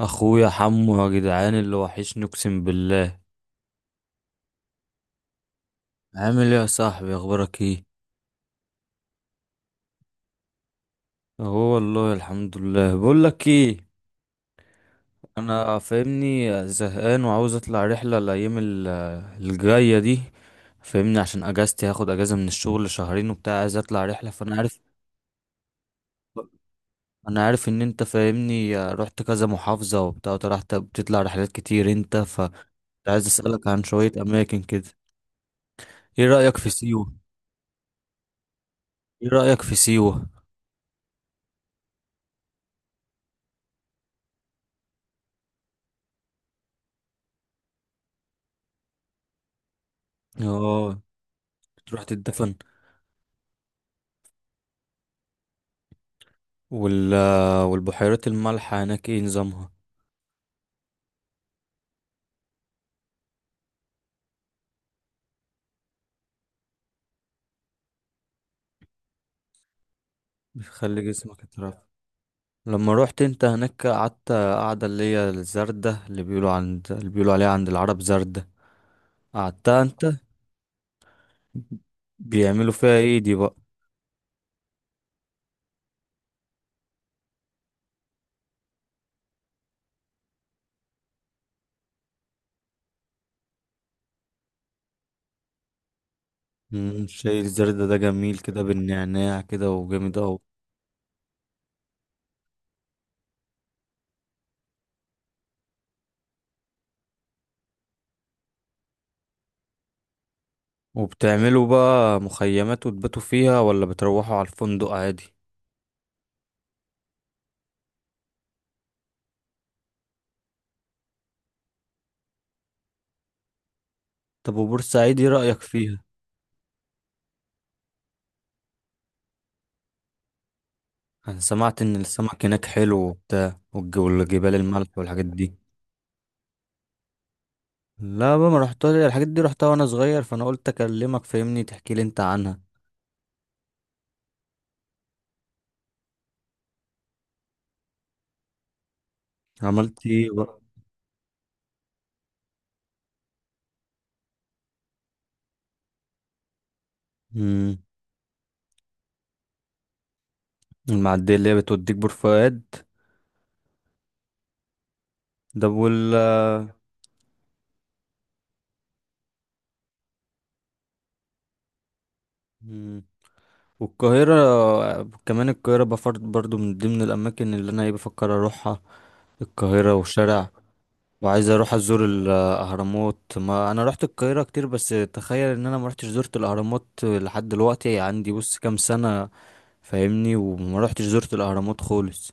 اخويا حمو يا جدعان اللي وحشني اقسم بالله. عامل ايه يا صاحبي، اخبارك ايه؟ اهو والله الحمد لله. بقول لك ايه، انا فاهمني زهقان وعاوز اطلع رحله الايام الجايه دي، فاهمني، عشان اجازتي هاخد اجازه من الشغل شهرين وبتاع، عايز اطلع رحله. فانا عارف، انا عارف ان انت فاهمني رحت كذا محافظه وبتاع، رحت بتطلع رحلات كتير انت، فعايز اسالك عن شويه اماكن كده. ايه رايك في سيوه؟ ايه رايك في سيوه؟ اه، تروح تتدفن. وال والبحيرات المالحة هناك ايه نظامها؟ بتخلي جسمك يترف. لما روحت انت هناك قعدت قعدة اللي هي الزردة اللي بيقولوا عند، اللي بيقولوا عليها عند العرب زردة، قعدتها انت؟ بيعملوا فيها ايه دي بقى؟ شاي الزردة ده جميل كده بالنعناع كده وجامد اهو. وبتعملوا بقى مخيمات وتباتوا فيها ولا بتروحوا على الفندق عادي؟ طب وبورسعيد ايه رأيك فيها؟ انا سمعت ان السمك هناك حلو وبتاع، والجبال الملح والحاجات دي. لا بقى ما رحتها، الحاجات دي رحتها وانا صغير، فانا قلت اكلمك فاهمني تحكي لي انت عنها. عملت ايه بقى؟ امم، المعديه اللي هي بتوديك بور فؤاد. ده وال مم. والقاهره كمان، القاهره بفرض برضو من ضمن الاماكن اللي انا ايه بفكر اروحها، القاهره والشارع، وعايز اروح ازور الاهرامات. ما انا رحت القاهره كتير بس تخيل ان انا ما رحتش زرت الاهرامات لحد دلوقتي عندي بص كام سنه، فاهمني، وما رحتش زرت الاهرامات خالص.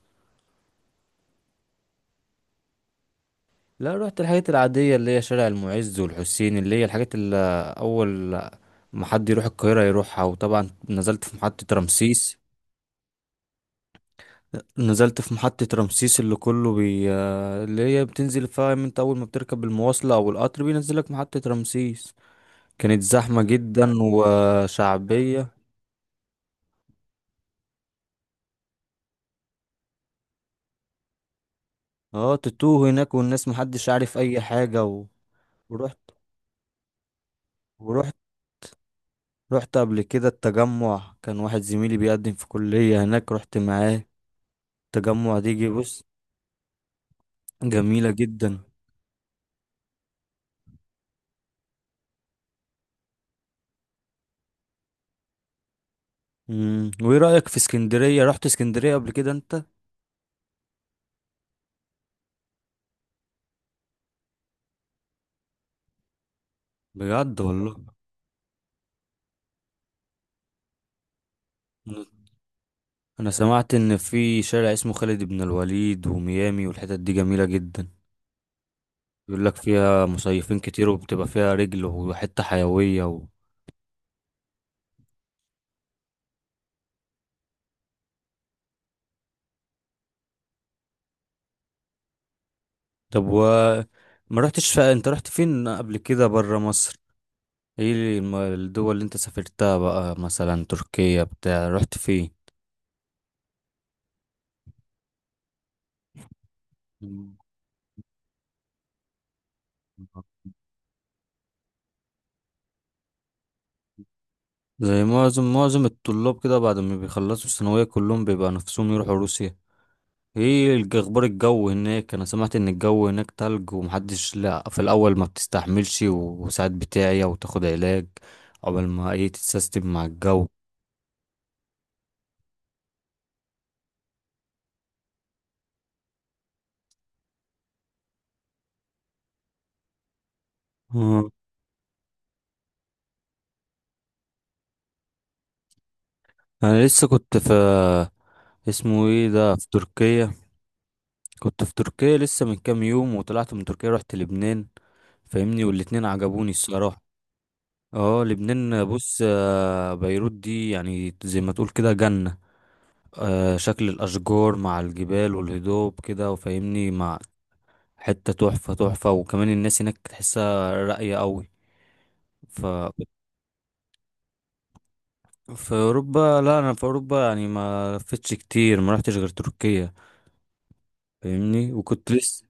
لا رحت الحاجات العادية اللي هي شارع المعز والحسين، اللي هي الحاجات اللي أول ما حد يروح القاهرة يروحها، وطبعا نزلت في محطة رمسيس. نزلت في محطة رمسيس اللي كله بي اللي هي بتنزل، فاهم انت، أول ما بتركب المواصلة أو القطر بينزلك محطة رمسيس. كانت زحمة جدا وشعبية. اه، تتوه هناك والناس محدش عارف أي حاجة و... ورحت ورحت رحت قبل كده التجمع، كان واحد زميلي بيقدم في كلية هناك رحت معاه. التجمع دي جه بص، جميلة جدا. امم، وايه رأيك في اسكندرية؟ رحت اسكندرية قبل كده انت؟ بجد والله. انا أنا سمعت ان في شارع اسمه خالد بن الوليد وميامي، والحتت دي جميلة جدا، بيقول لك فيها مصيفين كتير وبتبقى فيها رجل وحتة حيوية و... طب و ما رحتش ف... انت رحت فين قبل كده برا مصر؟ ايه الدول اللي انت سافرتها بقى، مثلا تركيا بتاع، رحت فين؟ زي معظم الطلاب كده بعد ما بيخلصوا الثانوية كلهم بيبقى نفسهم يروحوا روسيا. ايه اخبار الجو هناك؟ انا سمعت ان الجو هناك تلج ومحدش، لا في الاول ما بتستحملش وساعات بتاعي وتاخد علاج، عقبال ما ايه تتسيستم مع الجو. آه. انا لسه كنت في، اسمه ايه ده، في تركيا. كنت في تركيا لسه من كام يوم، وطلعت من تركيا رحت لبنان، فاهمني، والاتنين عجبوني الصراحة. اه لبنان بص، آه، بيروت دي يعني زي ما تقول كده جنة. آه، شكل الأشجار مع الجبال والهضاب كده، وفاهمني، مع حتة تحفة، وكمان الناس هناك تحسها راقية قوي. ف في أوروبا، لا أنا في أوروبا يعني ما لفتش كتير، ما رحتش غير تركيا، فاهمني، وكنت لسه.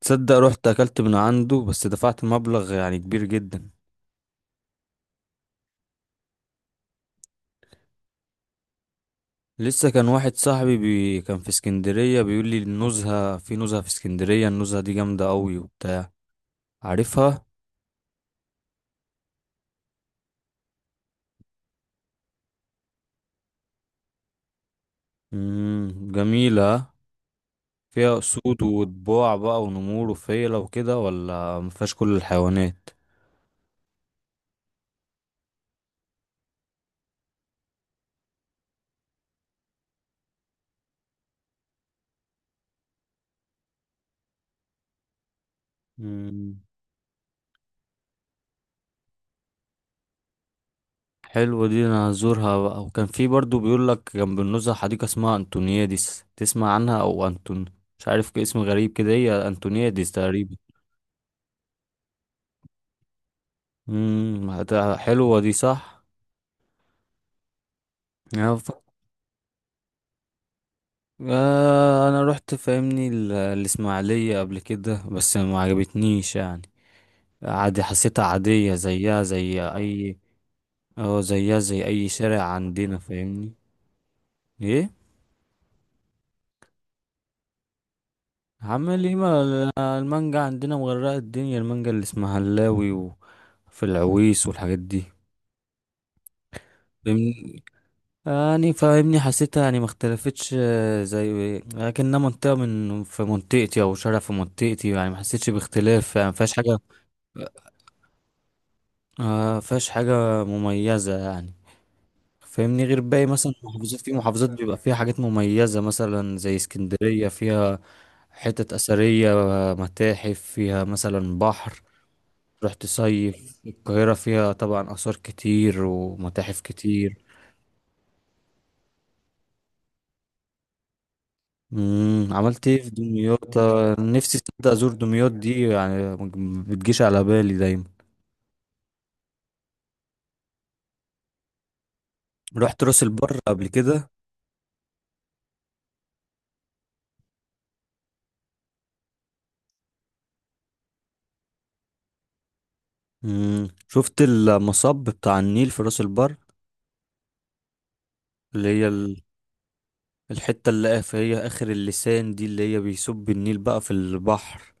تصدق رحت أكلت من عنده بس دفعت مبلغ يعني كبير جدا. لسه كان واحد صاحبي كان في اسكندرية بيقول لي النزهة، في نزهة في اسكندرية النزهة دي جامدة قوي وبتاع، عارفها؟ جميلة. فيها اسود وطباع بقى ونمور وفيلة وكده ولا مفيهاش كل الحيوانات؟ امم، حلوة دي، انا هزورها بقى. وكان في برضو بيقول لك جنب النزهة حديقة اسمها انتونياديس، تسمع عنها؟ او انتون، مش عارف كده، اسم غريب كده، هي انتونياديس تقريبا. امم، حلوة دي صح. آه، انا رحت فاهمني الاسماعيليه قبل كده بس ما عجبتنيش يعني، عادي حسيتها عاديه زيها زي اي. اه زيها زي اي شارع عندنا فاهمني. ايه؟ عمال ايه ما. المانجا عندنا مغرقه الدنيا، المانجا اللي اسمها هلاوي وفي العويس والحاجات دي، فاهمني. يعني فاهمني حسيتها يعني ما اختلفتش، آه، زي لكنها منطقه من في منطقتي او شارع في منطقتي يعني ما حسيتش باختلاف، يعني ما فيهاش حاجه، آه فيهاش حاجة مميزة يعني، فاهمني، غير باقي مثلا محافظات، في محافظات بيبقى فيها حاجات مميزة مثلا زي اسكندرية فيها حتت أثرية، متاحف، فيها مثلا بحر تروح تصيف، القاهرة فيها طبعا آثار كتير ومتاحف كتير. مم. عملت ايه في دمياط؟ آه، نفسي تصدق أزور دمياط دي، يعني ما بتجيش على بالي دايما. رحت راس البر قبل كده؟ مم. شفت المصب بتاع النيل في راس البر، اللي هي الحتة اللي في هي آخر اللسان دي اللي هي بيصب النيل بقى في البحر،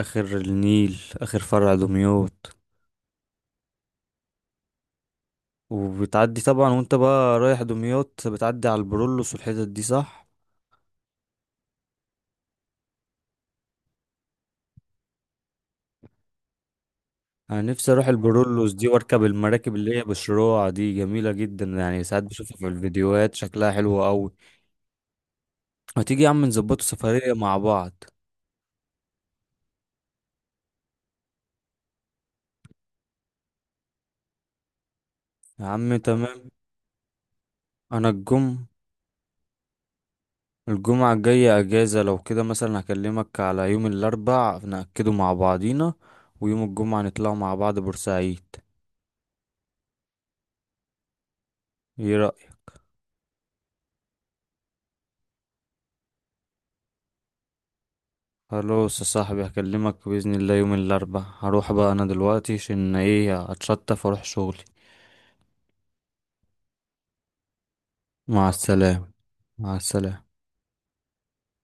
آخر النيل، آخر فرع دمياط؟ وبتعدي طبعا وانت بقى رايح دمياط بتعدي على البرولوس والحتت دي صح؟ أنا نفسي أروح البرولوس دي وأركب المراكب اللي هي بشراع دي، جميلة جدا يعني، ساعات بشوفها في الفيديوهات شكلها حلو أوي. ما تيجي يا عم نظبطوا سفرية مع بعض؟ يا عم تمام. أنا الجم الجمعة الجاية أجازة، لو كده مثلا هكلمك على يوم الأربع نأكده مع بعضينا، ويوم الجمعة نطلع مع بعض بورسعيد. ايه رأيك؟ خلاص يا صاحبي، هكلمك بإذن الله يوم الأربع. هروح بقى أنا دلوقتي عشان ايه هتشطف واروح شغلي. مع السلامة. مع السلامة.